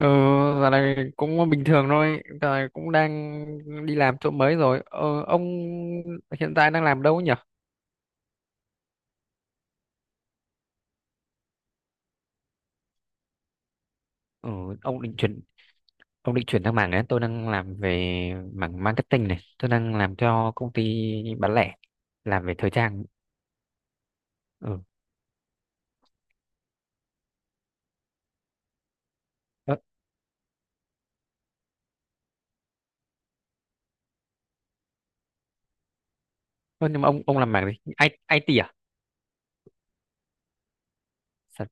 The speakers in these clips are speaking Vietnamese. Ừ, giờ này cũng bình thường thôi, giờ này cũng đang đi làm chỗ mới rồi. Ờ, ông hiện tại đang làm đâu nhỉ? Ừ, ông định chuyển ông định chuyển sang mảng đấy. Tôi đang làm về mảng marketing, này tôi đang làm cho công ty bán lẻ, làm về thời trang. ừ. Ờ, ờ, nhưng mà ông làm mảng gì? I, IT à? sản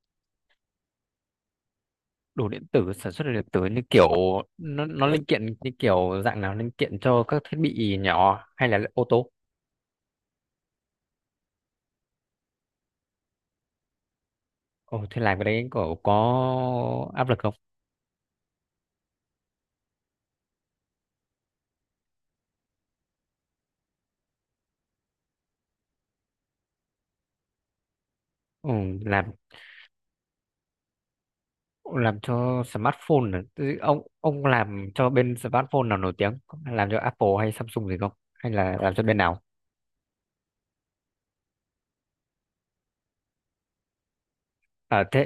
Đồ điện tử, sản xuất đồ điện tử như kiểu nó linh kiện, như kiểu dạng nào, linh kiện cho các thiết bị nhỏ hay là ô tô? Ồ, thế làm cái đấy có áp lực. Ừ, làm làm cho smartphone à? Thế ông làm cho bên smartphone nào nổi tiếng, làm cho Apple hay Samsung gì không hay là làm cho bên nào? Thế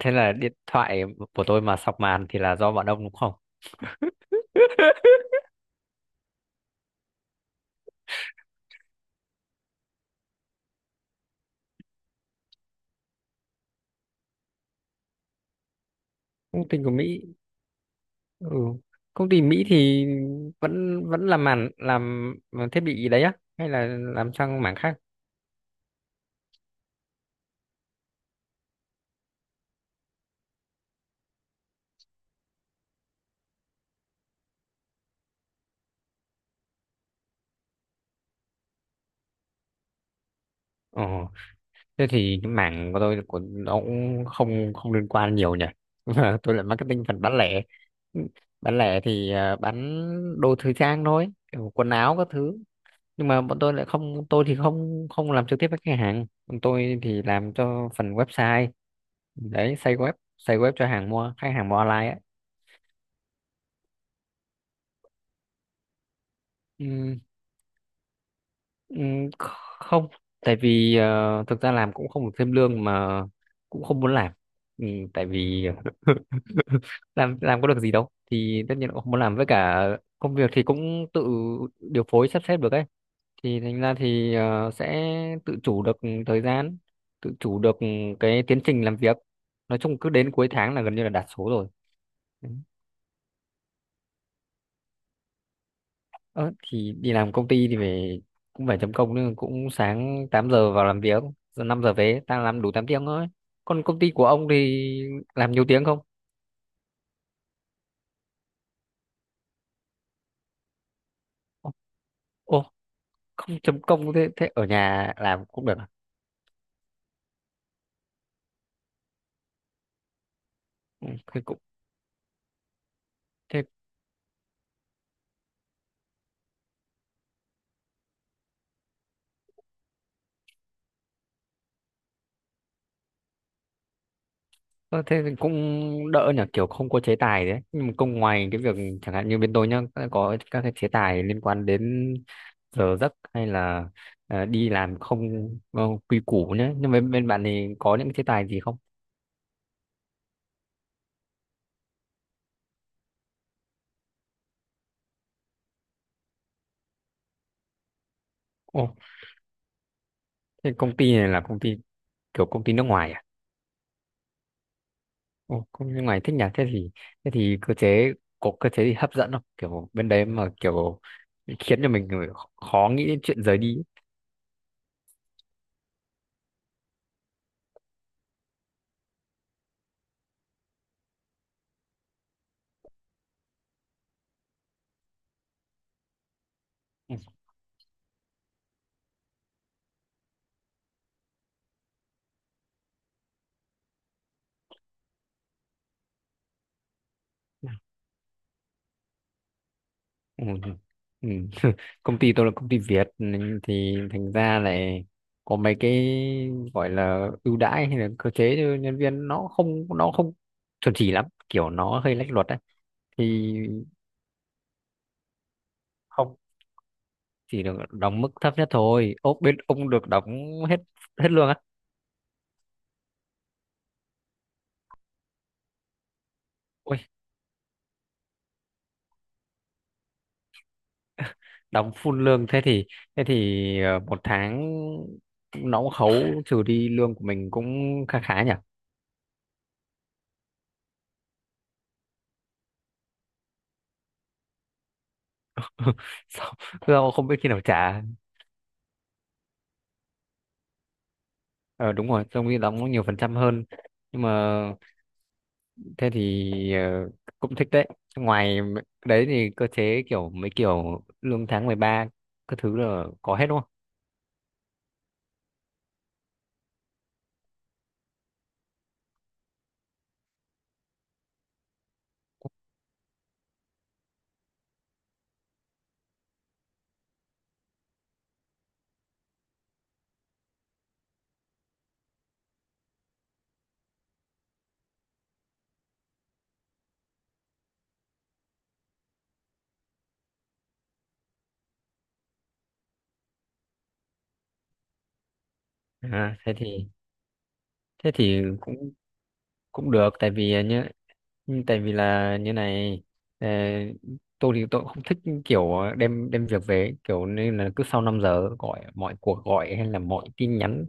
thế là điện thoại của tôi mà sọc màn thì là do bọn ông đúng không? Công ty của Mỹ. Ừ. Công ty Mỹ thì vẫn vẫn làm màn, làm thiết bị gì đấy á hay là làm sang mảng khác? Ồ, thế thì cái mảng của tôi của nó cũng không không liên quan nhiều nhỉ. Tôi là marketing phần bán lẻ. Bán lẻ thì bán đồ thời trang thôi, kiểu quần áo các thứ. Nhưng mà bọn tôi lại không, tôi thì không không làm trực tiếp với khách hàng, bọn tôi thì làm cho phần website. Đấy, xây web, xây web cho hàng mua, khách hàng mua online. Ấy. Ừm, Không, tại vì thực ra làm cũng không được thêm lương mà, cũng không muốn làm. Tại vì làm có được gì đâu thì tất nhiên cũng không muốn làm. Với cả công việc thì cũng tự điều phối sắp xếp được ấy, thì thành ra thì sẽ tự chủ được thời gian, tự chủ được cái tiến trình làm việc. Nói chung cứ đến cuối tháng là gần như là đạt số rồi. Ờ, thì đi làm công ty thì phải, cũng phải chấm công nữa, cũng sáng 8 giờ vào làm việc, giờ 5 giờ về, ta làm đủ 8 tiếng thôi. Còn công ty của ông thì làm nhiều tiếng không? Ô, ô không chấm công, thế thế ở nhà làm cũng được à? Ừ, thế cũng, thế ờ, thế thì cũng đỡ nhỉ, kiểu không có chế tài đấy. Nhưng mà công ngoài cái việc, chẳng hạn như bên tôi nhá, có các cái chế tài liên quan đến giờ giấc hay là đi làm không ờ, quy củ nhé. Nhưng mà bên bạn thì có những chế tài gì không? Ồ, thế công ty này là công ty kiểu công ty nước ngoài à? Ồ, công ty nước ngoài thích nhỉ? Thế thì cơ chế, có cơ chế gì hấp dẫn không? Kiểu bên đấy mà kiểu khiến cho mình khó nghĩ đến chuyện rời đi. Ấy. Ừ. Ừ. Ừ. Công ty tôi là công ty Việt nên thì thành ra lại có mấy cái gọi là ưu đãi hay là cơ chế cho nhân viên, nó không, nó không chuẩn chỉ lắm, kiểu nó hơi lách luật đấy. Thì không, chỉ được đóng mức thấp nhất thôi. Ốp bên ông được đóng hết hết lương. Ui, đóng full lương thế thì, thế thì một tháng nó cũng khấu trừ đi lương của mình cũng khá khá nhỉ. Sao, sao không biết khi nào trả? Ờ đúng rồi, trong khi đóng nhiều phần trăm hơn. Nhưng mà thế thì cũng thích đấy. Ngoài đấy thì cơ chế kiểu mấy kiểu lương tháng 13 các thứ là có hết đúng không? À, thế thì thế thì cũng, cũng được tại vì nhá. Ừ, tại vì là như này, ờ, tôi thì tôi cũng không thích kiểu đem đem việc về ấy, kiểu, nên là cứ sau 5 giờ, gọi mọi cuộc gọi hay là mọi tin nhắn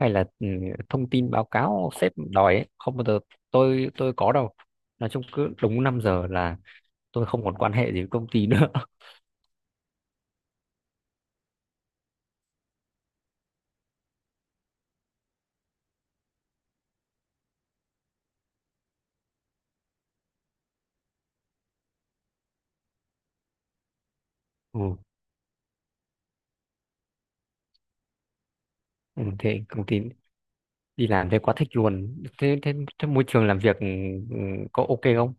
hay là thông tin báo cáo sếp đòi ấy, không bao giờ tôi có đâu. Nói chung cứ đúng 5 giờ là tôi không còn quan hệ gì với công ty nữa. ừ. Ừ, thế công ty đi làm thế quá thích luôn. Thế thế, thế môi trường làm việc ừ, có ok không?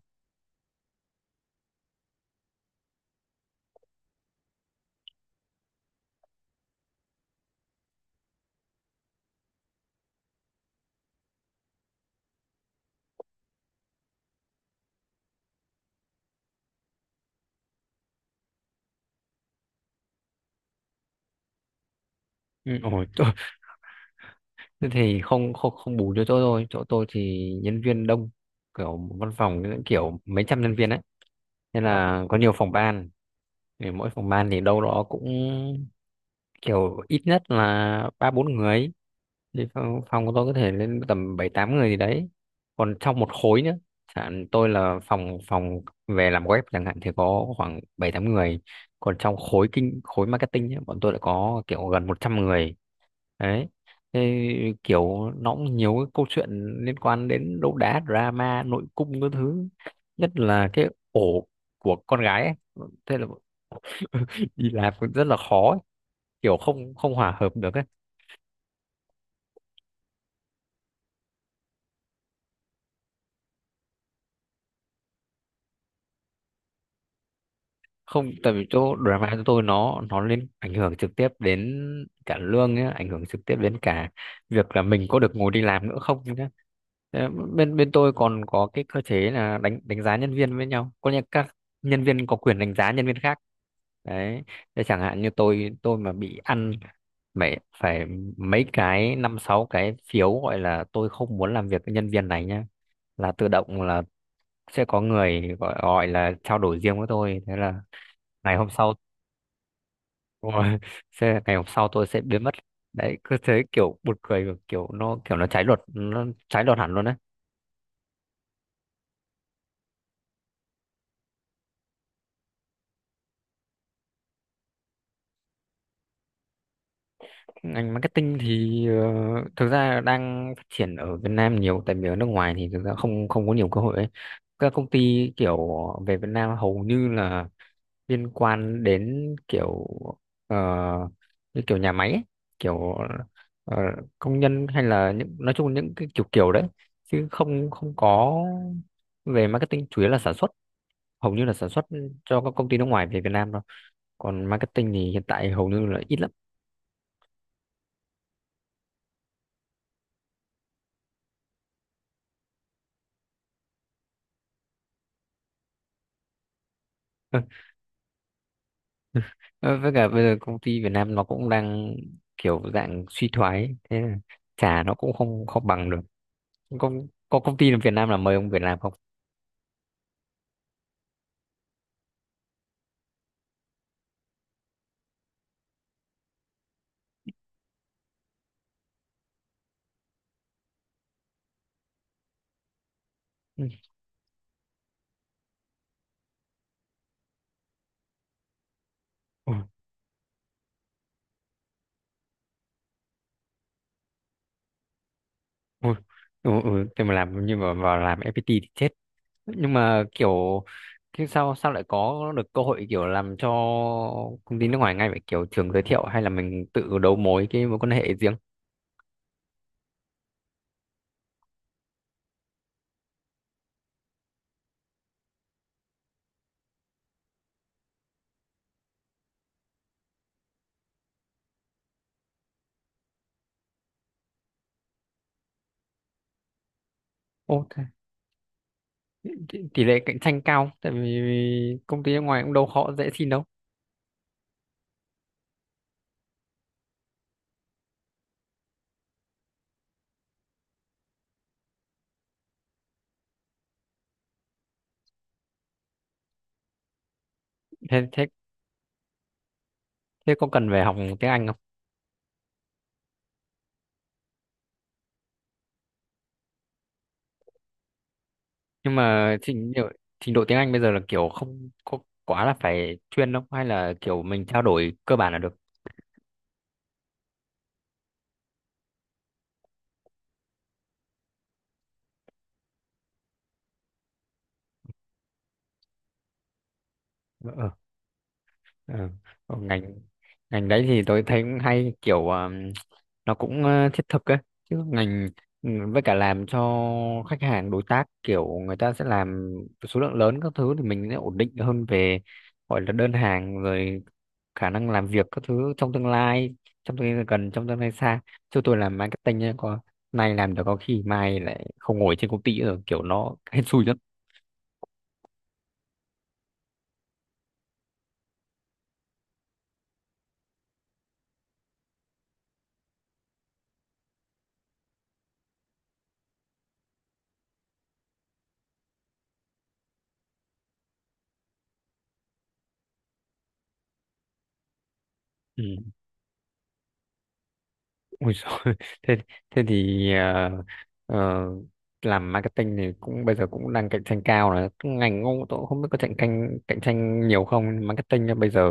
Ừ, ôi, thế thì không, không bù cho chỗ tôi. Chỗ tôi thì nhân viên đông, kiểu văn phòng những kiểu mấy trăm nhân viên ấy, nên là có nhiều phòng ban. Thì mỗi phòng ban thì đâu đó cũng kiểu ít nhất là 3 4 người. Thì phòng của tôi có thể lên tầm 7 8 người gì đấy, còn trong một khối nữa. Chẳng tôi là phòng phòng về làm web chẳng hạn thì có khoảng 7 8 người, còn trong khối kinh, khối marketing ấy, bọn tôi lại có kiểu gần 100 người. Đấy, thế kiểu nó cũng nhiều cái câu chuyện liên quan đến đấu đá drama nội cung các thứ. Nhất là cái ổ của con gái ấy. Thế là đi làm cũng rất là khó ấy. Kiểu không không hòa hợp được ấy. Không, tại vì chỗ drama của tôi, nó ảnh hưởng trực tiếp đến cả lương nhá, ảnh hưởng trực tiếp đến cả việc là mình có được ngồi đi làm nữa không nhá. Thế bên bên tôi còn có cái cơ chế là đánh đánh giá nhân viên với nhau, có nghĩa các nhân viên có quyền đánh giá nhân viên khác. Đấy, thế chẳng hạn như tôi mà bị ăn phải phải mấy cái 5 6 cái phiếu, gọi là tôi không muốn làm việc với nhân viên này nhá, là tự động là sẽ có người gọi, gọi là trao đổi riêng với tôi. Thế là ngày hôm sau rồi. Thế ngày hôm sau tôi sẽ biến mất. Đấy, cứ thế kiểu buồn cười và kiểu nó, kiểu nó trái luật, nó trái luật hẳn luôn đấy. Ngành marketing thì thực ra đang phát triển ở Việt Nam nhiều, tại vì ở nước ngoài thì thực ra không không có nhiều cơ hội ấy. Các công ty kiểu về Việt Nam hầu như là liên quan đến kiểu ờ, như kiểu nhà máy ấy, kiểu ờ, công nhân hay là những nói chung những cái kiểu kiểu đấy, chứ không không có. Về marketing chủ yếu là sản xuất, hầu như là sản xuất cho các công ty nước ngoài về Việt Nam thôi. Còn marketing thì hiện tại hầu như là ít lắm. Ờ, với cả bây giờ công ty Việt Nam nó cũng đang kiểu dạng suy thoái ấy. Thế là trả nó cũng không không bằng được. có, có công ty Việt Nam là mời ông Việt Nam không? ừ, ừ, ừ, ừ. Thế mà làm, nhưng mà vào làm FPT thì chết. Nhưng mà kiểu, thế sao sao lại có được cơ hội kiểu làm cho công ty nước ngoài ngay vậy, kiểu trường giới thiệu hay là mình tự đấu mối cái mối quan hệ riêng? Ô, tỷ tỷ lệ cạnh tranh cao, tại vì công ty nước ngoài cũng đâu khó dễ xin đâu. Thế thế thế có cần phải học tiếng Anh không? Nhưng mà trình độ tiếng Anh bây giờ là kiểu không có quá là phải chuyên đâu, hay là kiểu mình trao đổi cơ bản là được. ờ, ờ, ờ. Còn ngành ngành đấy thì tôi thấy cũng hay, kiểu nó cũng thiết thực ấy, chứ ngành, ừ, với cả làm cho khách hàng đối tác kiểu người ta sẽ làm số lượng lớn các thứ thì mình sẽ ổn định hơn về gọi là đơn hàng rồi khả năng làm việc các thứ trong tương lai, trong tương lai gần, trong tương lai xa. Chứ tôi làm marketing nhá, có nay làm được có khi mai lại không ngồi trên công ty nữa rồi, kiểu nó hên xui lắm. Ừ. Ôi giời. thế thế thì ờ, làm marketing thì cũng bây giờ cũng đang cạnh tranh cao rồi. Cái ngành ông tôi cũng không biết có cạnh tranh nhiều không, nhưng marketing á, bây giờ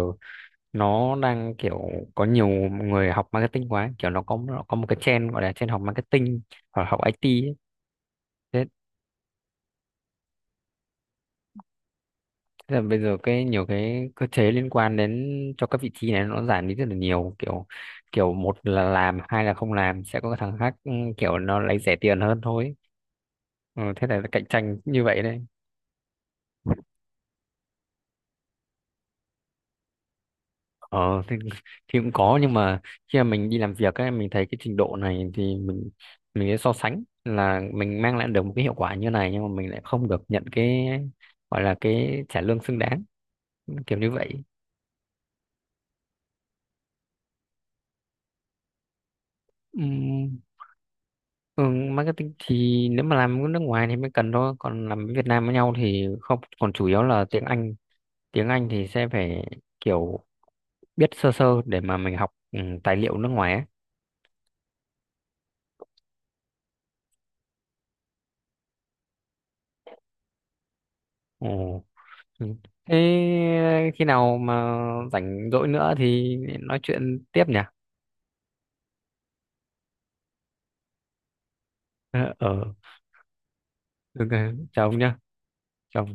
nó đang kiểu có nhiều người học marketing quá, kiểu nó có một cái trend, gọi là trend học marketing hoặc là học IT ấy. Thế Thế là bây giờ cái nhiều cái cơ chế liên quan đến cho các vị trí này nó giảm đi rất là nhiều, kiểu kiểu một là làm, hai là không làm sẽ có cái thằng khác, kiểu nó lấy rẻ tiền hơn thôi. Ừ, thế là cạnh tranh như vậy đấy. Ờ thì, thì cũng có. Nhưng mà khi mà mình đi làm việc ấy, mình thấy cái trình độ này thì mình sẽ so sánh là mình mang lại được một cái hiệu quả như này nhưng mà mình lại không được nhận cái gọi là cái trả lương xứng đáng, kiểu như vậy. Ừ. Ừ, marketing thì nếu mà làm ở nước ngoài thì mới cần thôi, còn làm với Việt Nam với nhau thì không, còn chủ yếu là tiếng Anh. Tiếng Anh thì sẽ phải kiểu biết sơ sơ để mà mình học tài liệu nước ngoài ấy. Ồ. ừ. Thế khi nào mà rảnh rỗi nữa thì nói chuyện tiếp nhỉ? Ờ, ờ. Được rồi. Chào ông nhá. Chào